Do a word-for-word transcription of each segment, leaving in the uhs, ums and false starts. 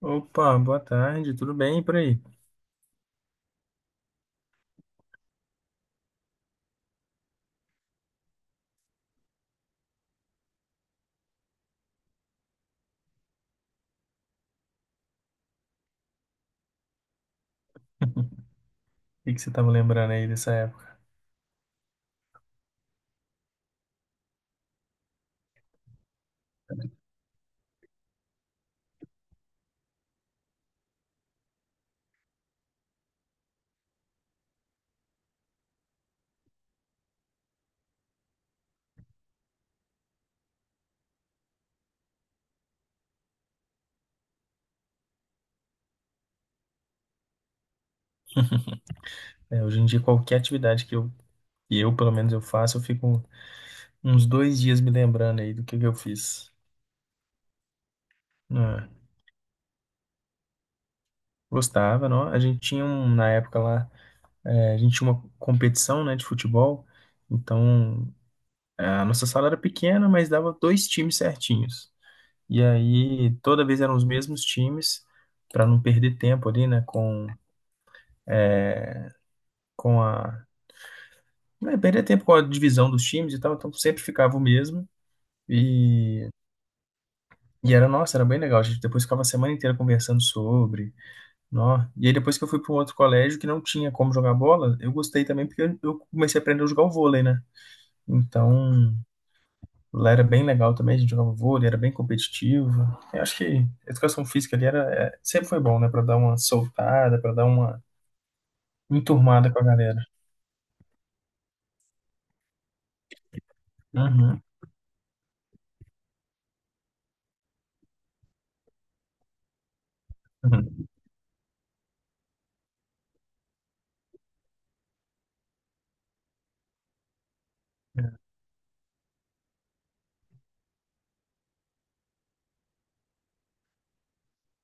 Opa, boa tarde, tudo bem e por aí? O que que você estava lembrando aí dessa época? É, hoje em dia, qualquer atividade que eu, que eu, pelo menos, eu faço, eu fico uns dois dias me lembrando aí do que que eu fiz. Ah, gostava, não? A gente tinha, um, na época lá, é, a gente tinha uma competição, né, de futebol, então é, a nossa sala era pequena, mas dava dois times certinhos. E aí, toda vez eram os mesmos times, para não perder tempo ali, né, com, com a É, perder tempo com a divisão dos times e tal, então sempre ficava o mesmo. E, e era, nossa, era bem legal. A gente depois ficava a semana inteira conversando sobre. Nó. E aí depois que eu fui para um outro colégio que não tinha como jogar bola, eu gostei também porque eu eu comecei a aprender a jogar o vôlei, né? Então, lá era bem legal também, a gente jogava vôlei, era bem competitivo. Eu acho que a educação física ali era, é, sempre foi bom, né? Para dar uma soltada, para dar uma enturmada com a galera. Uhum. Uhum.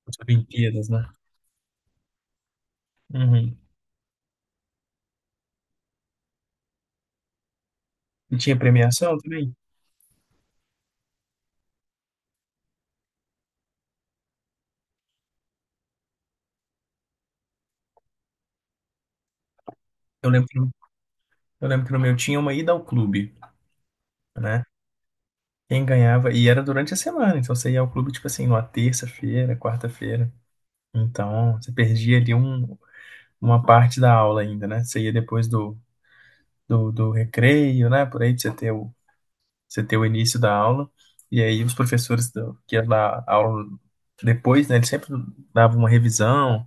As Olimpíadas, né? Uhum. E tinha premiação também? Eu lembro Eu lembro que no meu tinha uma ida ao clube, né? Quem ganhava, e era durante a semana, então você ia ao clube, tipo assim, numa terça-feira, quarta-feira. Então, você perdia ali um, uma parte da aula ainda, né? Você ia depois do, do, do recreio, né? Por aí, pra você ter o, você ter o início da aula. E aí, os professores do- que iam dar aula depois, né? Eles sempre davam uma revisão,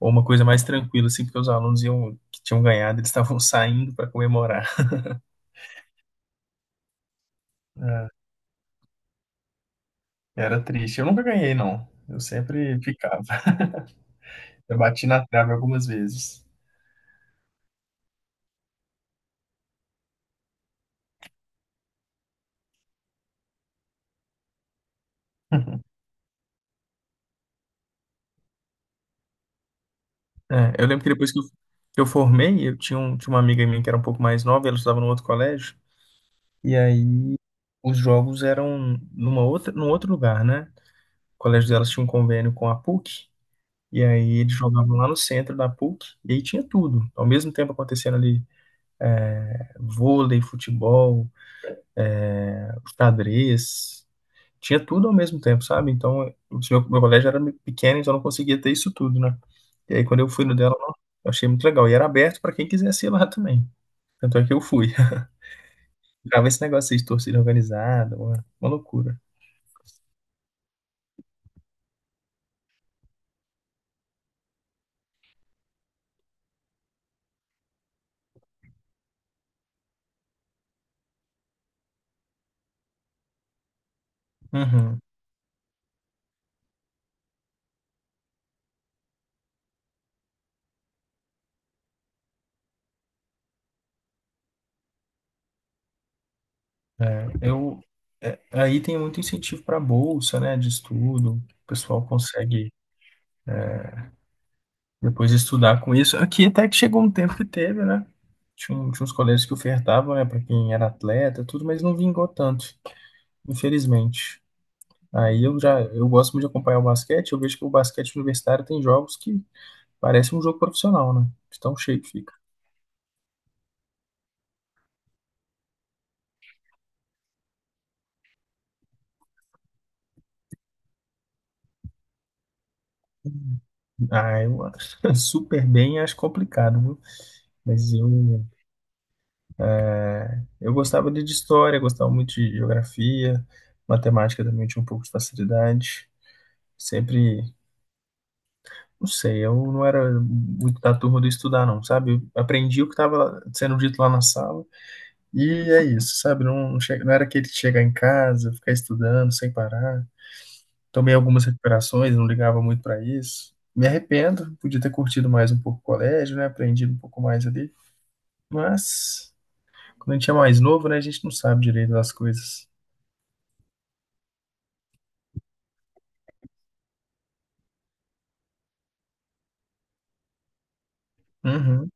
ou uma coisa mais tranquila, assim, porque os alunos iam, que tinham ganhado, eles estavam saindo para comemorar. Ah, era triste. Eu nunca ganhei, não. Eu sempre ficava. Eu bati na trave algumas vezes. É, eu lembro que depois que eu, que eu formei, eu tinha, um, tinha uma amiga minha que era um pouco mais nova, ela estudava no outro colégio, e aí os jogos eram numa outra, num outro lugar, né? O colégio delas tinha um convênio com a PUC, e aí eles jogavam lá no centro da PUC, e aí tinha tudo. Ao mesmo tempo acontecendo ali é, vôlei, futebol, xadrez. Tinha tudo ao mesmo tempo, sabe? Então, o meu, meu colégio era pequeno, então eu não conseguia ter isso tudo, né? E aí, quando eu fui no dela, nossa, eu achei muito legal. E era aberto para quem quisesse ir lá também. Tanto é que eu fui. Ficava esse negócio aí de torcida organizada, uma, uma loucura. Uhum. Eu, é, Aí tem muito incentivo para bolsa, né, de estudo. O pessoal consegue depois estudar com isso. Aqui até que chegou um tempo que teve, né? Tinha, um- tinha uns colégios que ofertavam, né, para quem era atleta, tudo, mas não vingou tanto, infelizmente. Aí eu já, eu gosto muito de acompanhar o basquete, eu vejo que o basquete universitário tem jogos que parece um jogo profissional, né? De tão cheio que fica. Ah, eu acho super bem, acho complicado, viu? Mas eu, é, eu gostava de de história, gostava muito de geografia, matemática também tinha um pouco de facilidade. Sempre, não sei, eu não era muito da turma do estudar, não, sabe? Eu aprendi o que estava sendo dito lá na sala, e é isso, sabe? Não, não, che- não era aquele de chegar em casa, ficar estudando sem parar. Tomei algumas recuperações, não ligava muito para isso. Me arrependo, podia ter curtido mais um pouco o colégio, né? Aprendido um pouco mais ali. Mas, quando a gente é mais novo, né? A gente não sabe direito das coisas. Uhum,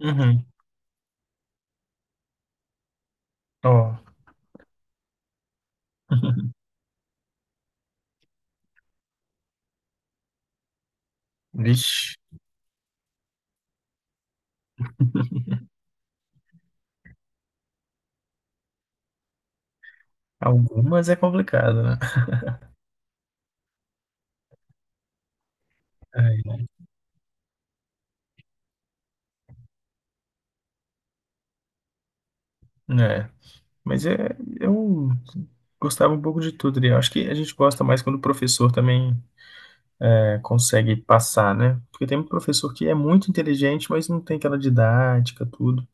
uhum. Ó, vixe. Algumas é complicado, né? Ai, é, mas é, eu gostava um pouco de tudo ali. Eu Acho que a gente gosta mais quando o professor também é, consegue passar, né? Porque tem um professor que é muito inteligente, mas não tem aquela didática, tudo.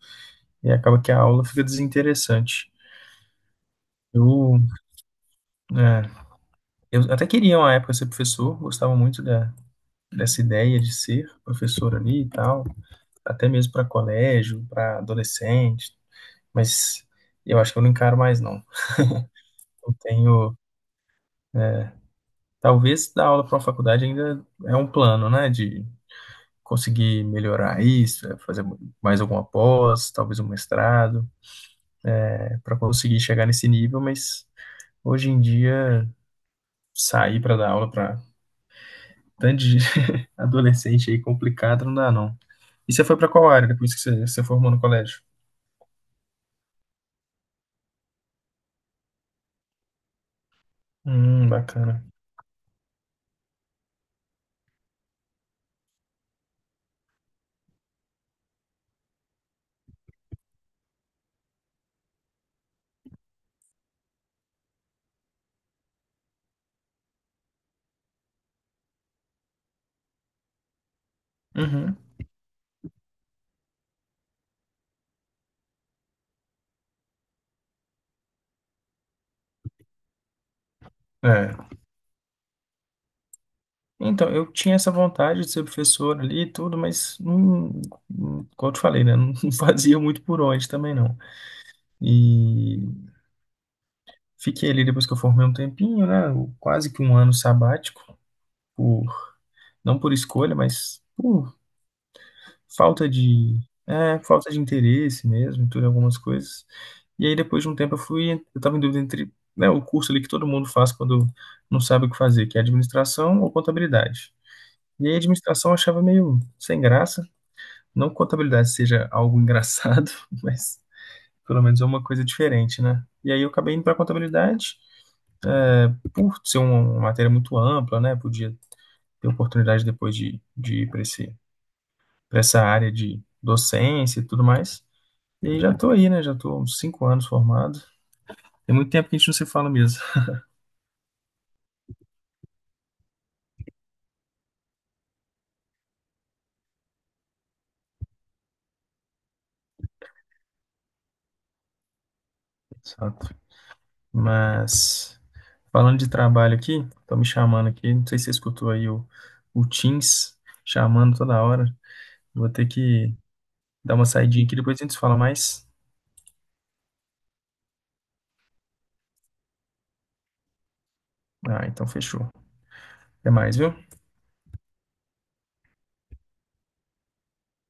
E acaba que a aula fica desinteressante. Eu, é, eu até queria uma época ser professor, gostava muito da, dessa ideia de ser professor ali e tal, até mesmo para colégio, para adolescente, mas eu acho que eu não encaro mais não. Eu tenho, Talvez dar aula para uma faculdade ainda é um plano, né, de conseguir melhorar isso, é, fazer mais alguma pós, talvez um mestrado, é, para conseguir chegar nesse nível, mas hoje em dia sair para dar aula para tanto de Adolescente aí complicado, não dá não. E você foi pra qual área depois que você, você formou no colégio? Hum, bacana. Uhum. É. Então, eu tinha essa vontade de ser professor ali e tudo, mas não, como eu te falei, né? Não fazia muito por onde também não. E fiquei ali depois que eu formei um tempinho, né? Quase que um ano sabático, por, não por escolha, mas por falta de, é, falta de interesse mesmo, tudo em algumas coisas. E aí depois de um tempo eu fui, eu estava em dúvida entre, né, o curso ali que todo mundo faz quando não sabe o que fazer, que é administração ou contabilidade. E aí a administração eu achava meio sem graça, não que contabilidade seja algo engraçado, mas pelo menos é uma coisa diferente, né? E aí eu acabei indo para contabilidade, por ser uma matéria muito ampla, né, podia ter oportunidade depois de, de ir para esse, para essa área de docência e tudo mais. E aí já tô aí, né? Já tô uns cinco anos formado. Tem muito tempo que a gente não se fala mesmo. Exato. Mas, falando de trabalho aqui, estão me chamando aqui. Não sei se você escutou aí o, o Teams chamando toda hora. Vou ter que dar uma saidinha aqui, depois a gente se fala mais. Ah, então fechou. Até mais, viu?